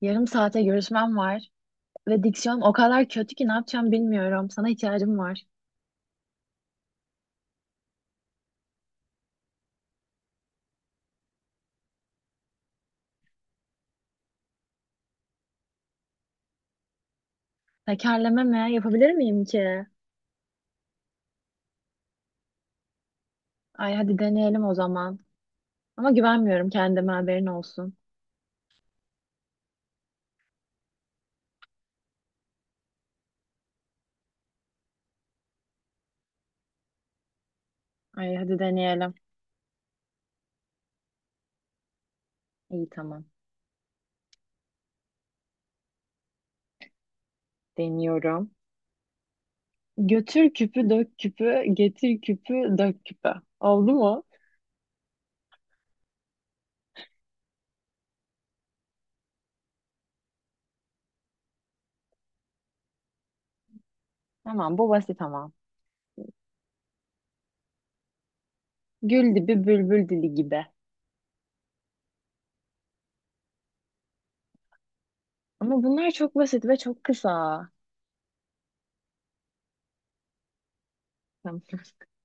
Yarım saate görüşmem var ve diksiyonum o kadar kötü ki ne yapacağım bilmiyorum. Sana ihtiyacım var. Tekerleme mi? Yapabilir miyim ki? Ay hadi deneyelim o zaman. Ama güvenmiyorum kendime haberin olsun. Ay hadi deneyelim. İyi tamam. Deniyorum. Götür küpü dök küpü, getir küpü dök küpü. Oldu mu? Tamam bu basit ama. Gül dibi bülbül dili gibi. Ama bunlar çok basit ve çok kısa. Tamam.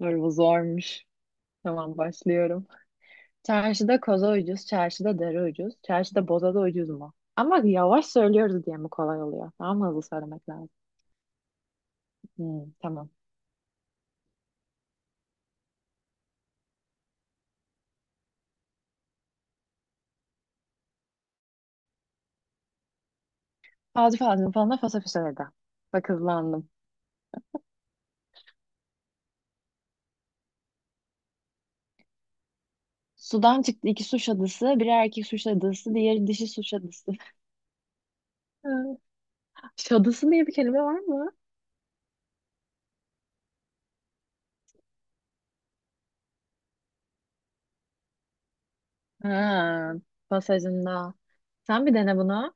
Dur bu zormuş. Tamam başlıyorum. Çarşıda koza ucuz, çarşıda deri ucuz, çarşıda boza da ucuz mu? Ama yavaş söylüyoruz diye mi kolay oluyor? Daha mı hızlı söylemek lazım? Hmm, tamam. Fazla fazla falan da fasa fasa dedi. Bak hızlandım. Sudan çıktı iki su şadısı, biri erkek su şadısı, diğeri dişi su şadısı. Ha, şadısı diye bir kelime var mı? Ha, pasajında. Sen bir dene bunu.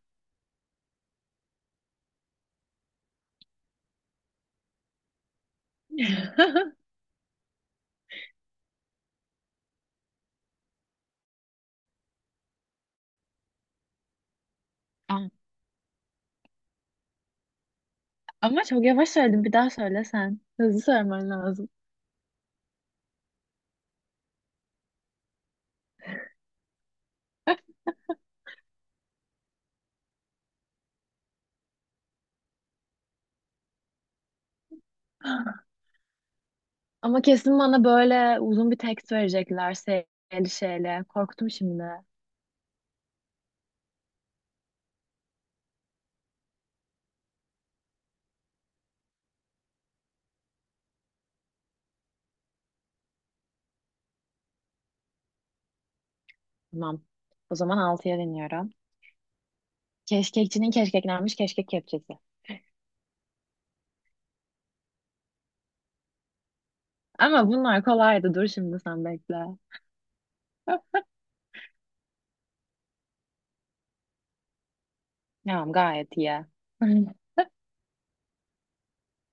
Ama ama çok yavaş söyledim. Bir daha söyle sen. Hızlı söylemen lazım. Ama kesin bana böyle uzun bir tekst verecekler şeyli şeyle. Korktum şimdi. Tamam. O zaman altıya deniyorum. Keşkekçinin keşkeklenmiş keşkek kepçesi. Ama bunlar kolaydı. Dur şimdi sen bekle. Tamam gayet iyi.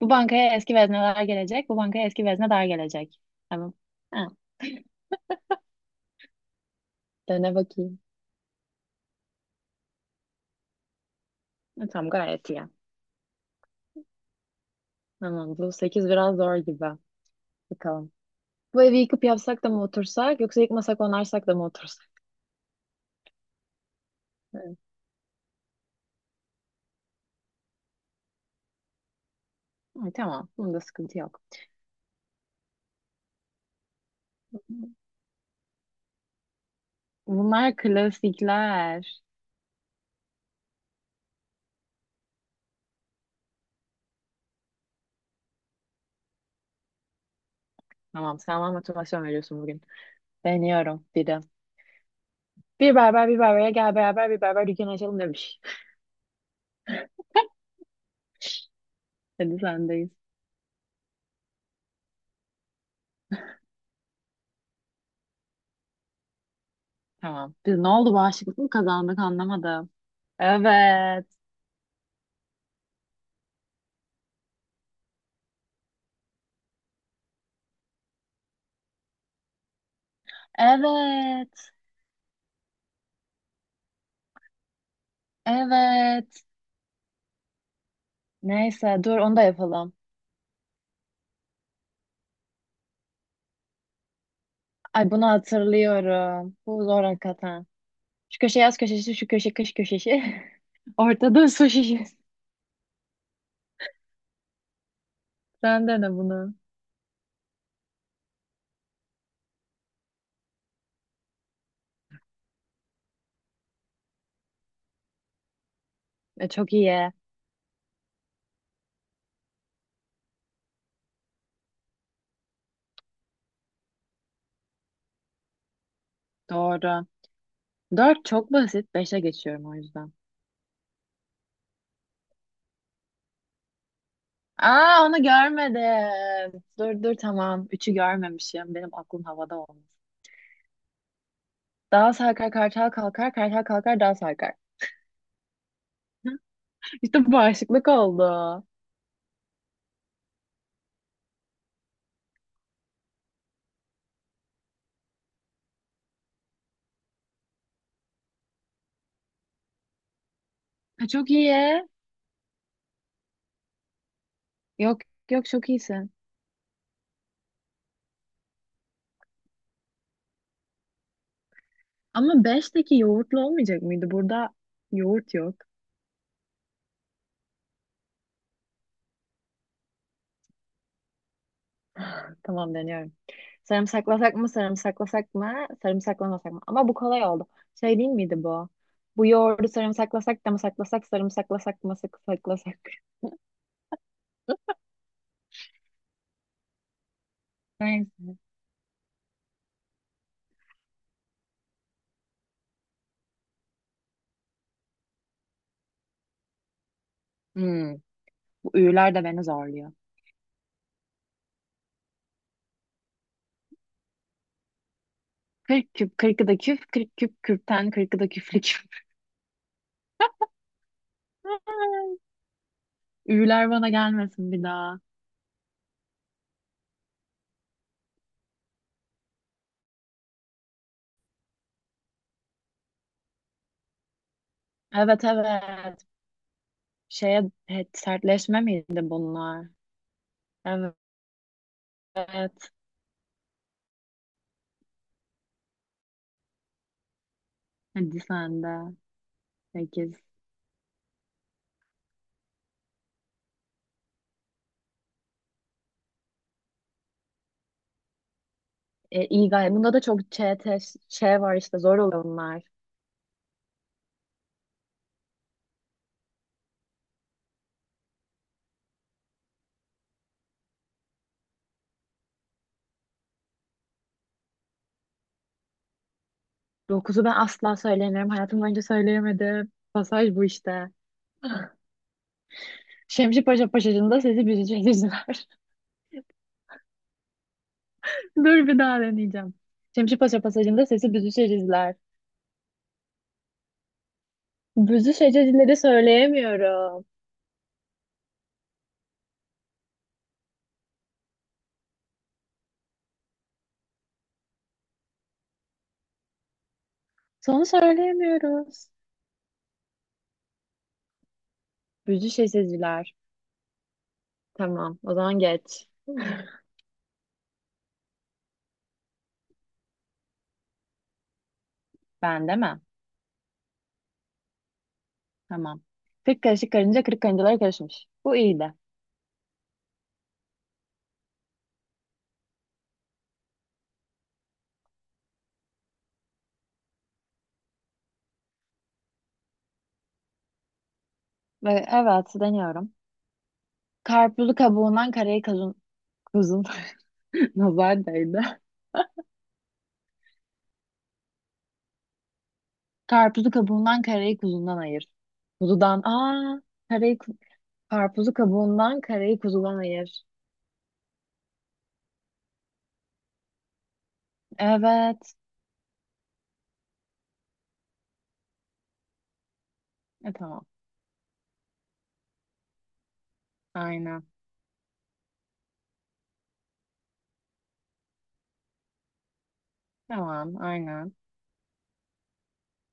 Bu bankaya eski vezneler gelecek. Bu bankaya eski veznedar gelecek. Tamam. Ha, dene bakayım. Ha, tamam gayet iyi. Tamam bu 8 biraz zor gibi. Bakalım. Bu evi yıkıp yapsak da mı otursak yoksa yıkmasak onarsak da mı otursak? Evet. Ay, tamam. Bunda sıkıntı yok. Bunlar klasikler. Tamam, sen bana motivasyon veriyorsun bugün. Deniyorum bir de. Bir berber bir berbere gel beraber bir berber dükkanı açalım demiş. Hadi sendeyiz. Tamam. Biz ne oldu bağışıklık mı kazandık anlamadım. Evet. Evet. Evet. Neyse dur onu da yapalım. Ay bunu hatırlıyorum. Bu zor hakikaten. Şu köşe yaz köşesi, şu köşe kış köşesi. Ortada su şişesi. Sen dene bunu. E, çok iyi. Doğru. Dört çok basit. Beşe geçiyorum o yüzden. Aa onu görmedim. Dur dur tamam. Üçü görmemişim. Benim aklım havada olmuş. Dağ sarkar kartal kalkar. Kartal kalkar dağ sarkar. İşte bu bağışıklık oldu. Ha, çok iyi. Yok yok çok iyisin. Ama beşteki yoğurtlu olmayacak mıydı? Burada yoğurt yok. Tamam deniyorum. Sarımsaklasak mı, sarımsaklasak mı, sarımsaklamasak mı? Ama bu kolay oldu. Şey değil miydi bu? Bu yoğurdu sarımsaklasak da mı saklasak, sarımsaklasak mı saklasak? Neyse. Hmm, bu üyüler de beni zorluyor. Kırk küp, kırkı da küp, kırk küp kürkten, kırkı da küflü küp. Üyüler bana gelmesin bir daha. Evet evet. Şeye evet, sertleşme miydi bunlar? Evet. Hadi sen de. Sekiz. E, iyi gayet. Bunda da çok ç var işte zor oluyor bunlar. Dokuzu ben asla söyleyemiyorum. Hayatım boyunca söyleyemedim. Pasaj bu işte. Şemsi Paşa Pasajı'nda sesi büzüşecekler. Dur bir daha deneyeceğim. Şemsi Paşa Pasajı'nda sesi büzüşecekler. Büzüşecekleri söyleyemiyorum. Sonu söyleyemiyoruz. Büzüşecekler. Tamam. O zaman geç. Ben de mi? Tamam. Kırk karışık karınca kırk karıncalara karışmış. Bu iyiydi. Ve evet deniyorum. Karpuzu kabuğundan karayı kuzun nazar değdi. Karpuzu kabuğundan karayı kuzundan ayır. Kuzudan aa karayı karpuzu kabuğundan karayı kuzudan ayır. Evet. E tamam. Aynen. Tamam, aynen.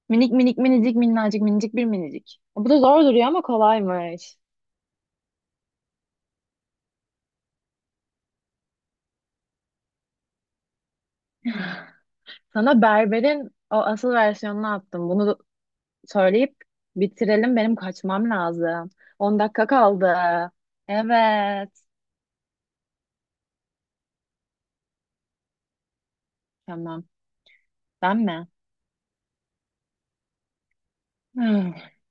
Minik minik minicik minnacık minicik bir minicik. Bu da zor duruyor ama kolaymış. Sana berberin o asıl versiyonunu attım. Bunu söyleyip bitirelim. Benim kaçmam lazım. 10 dakika kaldı. Evet. Tamam. Ben mi?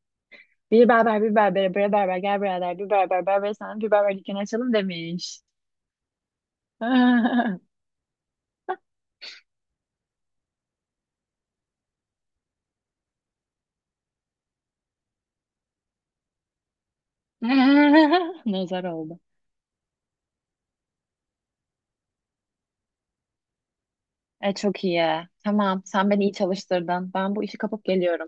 Bir berber bir berbere bre berber gel birader bir berber berber sana bir berber dükkanı açalım demiş. Nazar oldu. E, çok iyi. Tamam sen beni iyi çalıştırdın. Ben bu işi kapıp geliyorum.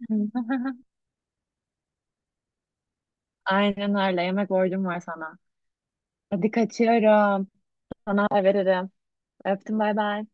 Aynen öyle yemek borcum var sana. Hadi kaçıyorum. Sana haber veririm. Öptüm bay bay.